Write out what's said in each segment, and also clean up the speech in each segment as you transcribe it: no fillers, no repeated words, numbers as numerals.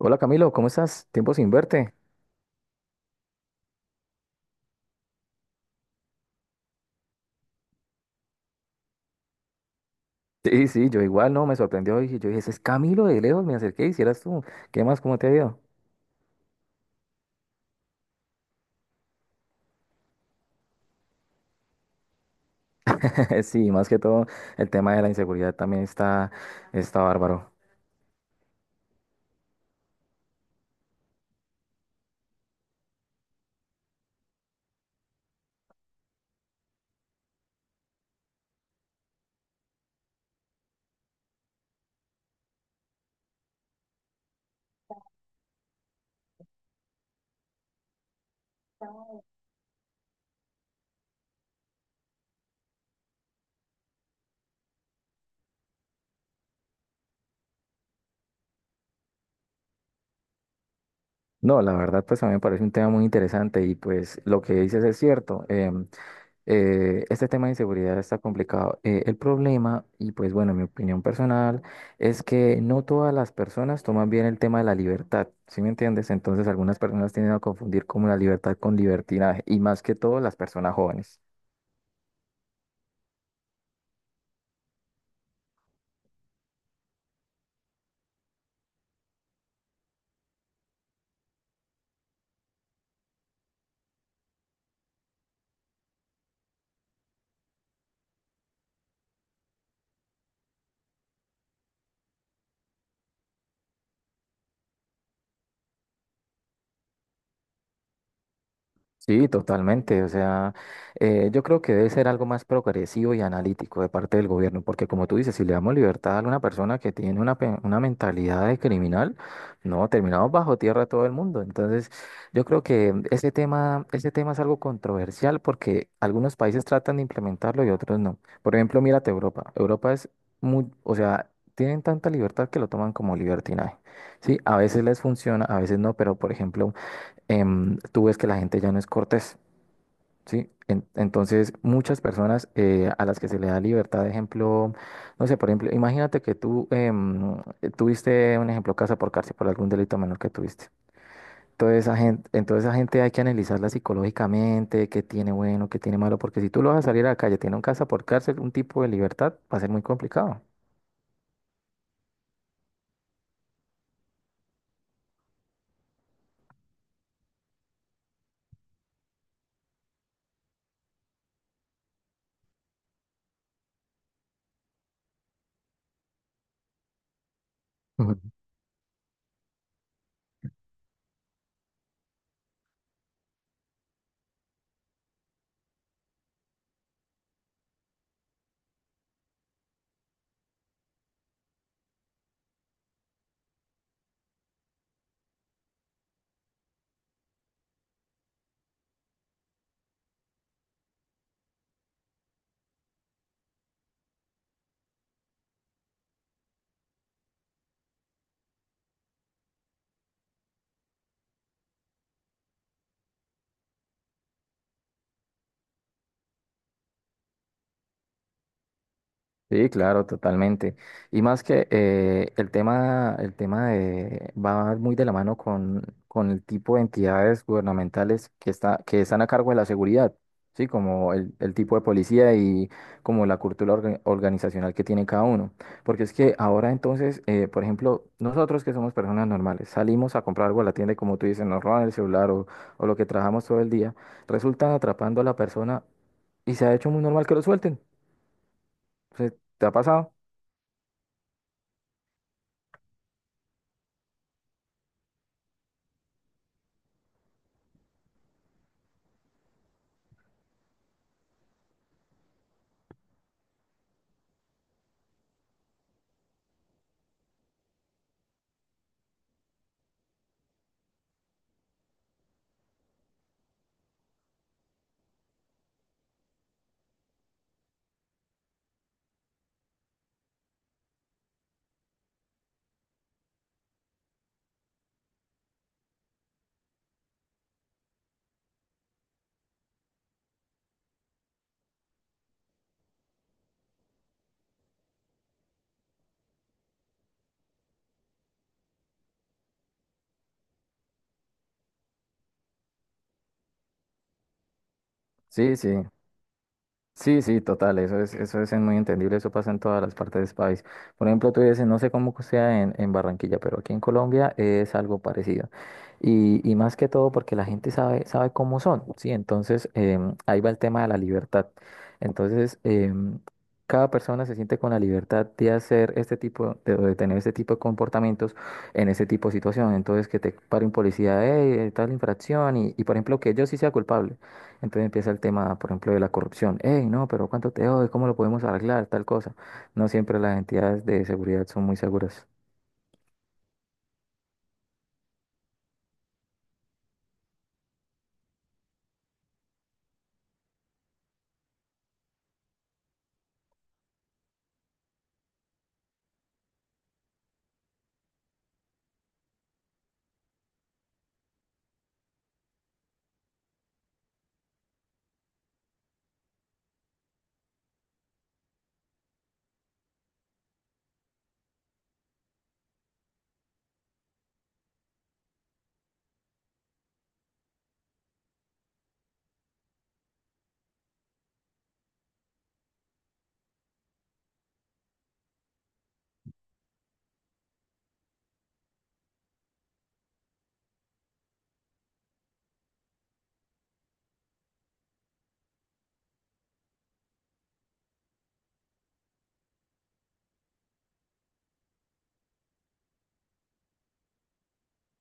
Hola Camilo, ¿cómo estás? Tiempo sin verte. Sí, yo igual, no, me sorprendió. Y yo dije, ese es Camilo de lejos, me acerqué, hicieras tú. ¿Qué más? ¿Cómo te ha ido? Sí, más que todo, el tema de la inseguridad también está bárbaro. No, la verdad, pues a mí me parece un tema muy interesante y pues lo que dices es cierto. Este tema de inseguridad está complicado. El problema, y pues bueno, mi opinión personal, es que no todas las personas toman bien el tema de la libertad, ¿sí me entiendes? Entonces algunas personas tienden a confundir como la libertad con libertinaje, y más que todo las personas jóvenes. Sí, totalmente. O sea, yo creo que debe ser algo más progresivo y analítico de parte del gobierno, porque como tú dices, si le damos libertad a una persona que tiene una, una mentalidad de criminal, no, terminamos bajo tierra todo el mundo. Entonces, yo creo que ese tema es algo controversial porque algunos países tratan de implementarlo y otros no. Por ejemplo, mírate Europa. Europa es muy, o sea, tienen tanta libertad que lo toman como libertinaje. Sí, a veces les funciona, a veces no, pero por ejemplo, tú ves que la gente ya no es cortés, ¿sí? Entonces, muchas personas a las que se le da libertad, de ejemplo, no sé, por ejemplo, imagínate que tú tuviste un ejemplo casa por cárcel por algún delito menor que tuviste. Entonces, esa gente hay que analizarla psicológicamente, qué tiene bueno, qué tiene malo, porque si tú lo vas a salir a la calle, tiene un casa por cárcel, un tipo de libertad, va a ser muy complicado. Sí, claro, totalmente. Y más que el tema, va muy de la mano con el tipo de entidades gubernamentales que que están a cargo de la seguridad, sí, como el tipo de policía y como la cultura organizacional que tiene cada uno. Porque es que ahora entonces, por ejemplo, nosotros que somos personas normales, salimos a comprar algo a la tienda y como tú dices, nos roban el celular o lo que trabajamos todo el día, resultan atrapando a la persona y se ha hecho muy normal que lo suelten. O sea, ¿te ha pasado? Sí, sí, sí, sí, total, eso es muy entendible, eso pasa en todas las partes de ese país. Por ejemplo, tú dices, no sé cómo sea en Barranquilla, pero aquí en Colombia es algo parecido. Y más que todo porque la gente sabe, sabe cómo son, ¿sí? Entonces, ahí va el tema de la libertad. Entonces, cada persona se siente con la libertad de hacer este tipo, de tener este tipo de comportamientos en ese tipo de situación. Entonces, que te pare un policía, hey, tal infracción, y por ejemplo, que yo sí sea culpable. Entonces empieza el tema, por ejemplo, de la corrupción. Hey, no, pero ¿cuánto te doy? ¿Cómo lo podemos arreglar? Tal cosa. No siempre las entidades de seguridad son muy seguras.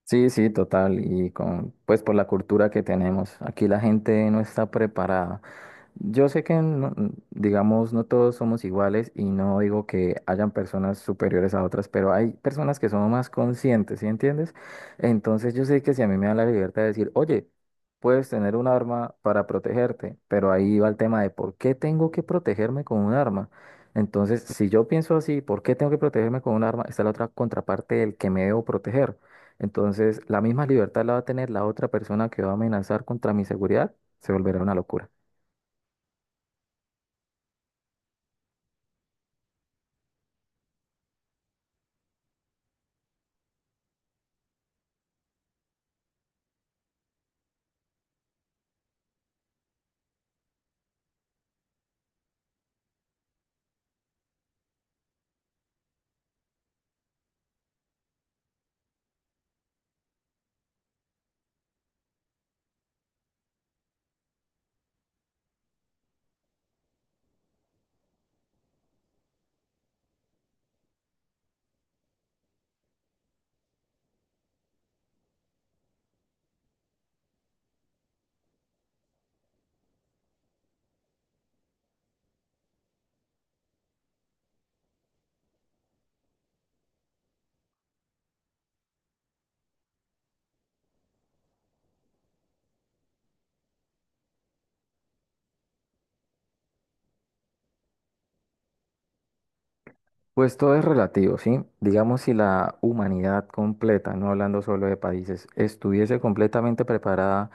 Sí, total. Y con, pues por la cultura que tenemos. Aquí la gente no está preparada. Yo sé que, no, digamos, no todos somos iguales y no digo que hayan personas superiores a otras, pero hay personas que son más conscientes, ¿sí entiendes? Entonces yo sé que si a mí me dan la libertad de decir, oye, puedes tener un arma para protegerte, pero ahí va el tema de por qué tengo que protegerme con un arma. Entonces, si yo pienso así, ¿por qué tengo que protegerme con un arma? Está la otra contraparte del que me debo proteger. Entonces, la misma libertad la va a tener la otra persona que va a amenazar contra mi seguridad, se volverá una locura. Pues todo es relativo, ¿sí? Digamos, si la humanidad completa, no hablando solo de países, estuviese completamente preparada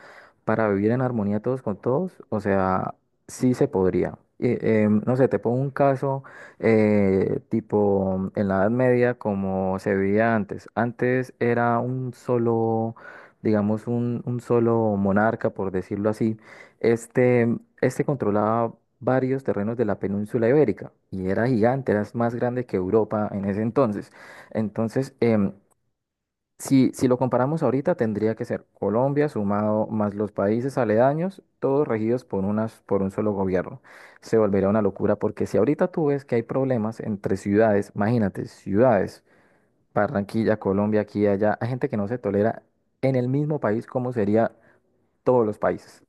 para vivir en armonía todos con todos, o sea, sí se podría. Y, no sé, te pongo un caso tipo en la Edad Media como se vivía antes. Antes era un solo, digamos, un solo monarca, por decirlo así. Este, este controlaba varios terrenos de la península ibérica y era gigante, era más grande que Europa en ese entonces. Entonces, si lo comparamos ahorita, tendría que ser Colombia sumado más los países aledaños, todos regidos por unas, por un solo gobierno. Se volvería una locura porque si ahorita tú ves que hay problemas entre ciudades, imagínate, ciudades, Barranquilla, Colombia, aquí y allá, hay gente que no se tolera en el mismo país como sería todos los países.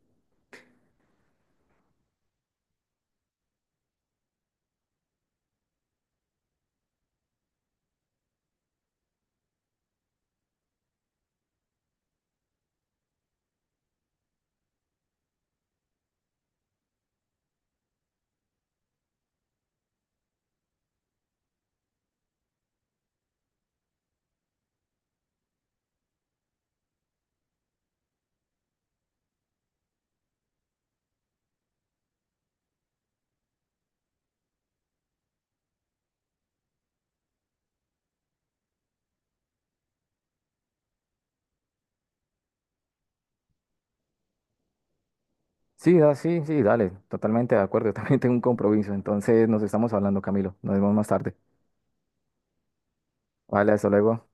Sí, sí, dale, totalmente de acuerdo. Yo también tengo un compromiso, entonces nos estamos hablando, Camilo. Nos vemos más tarde. Vale, hasta luego.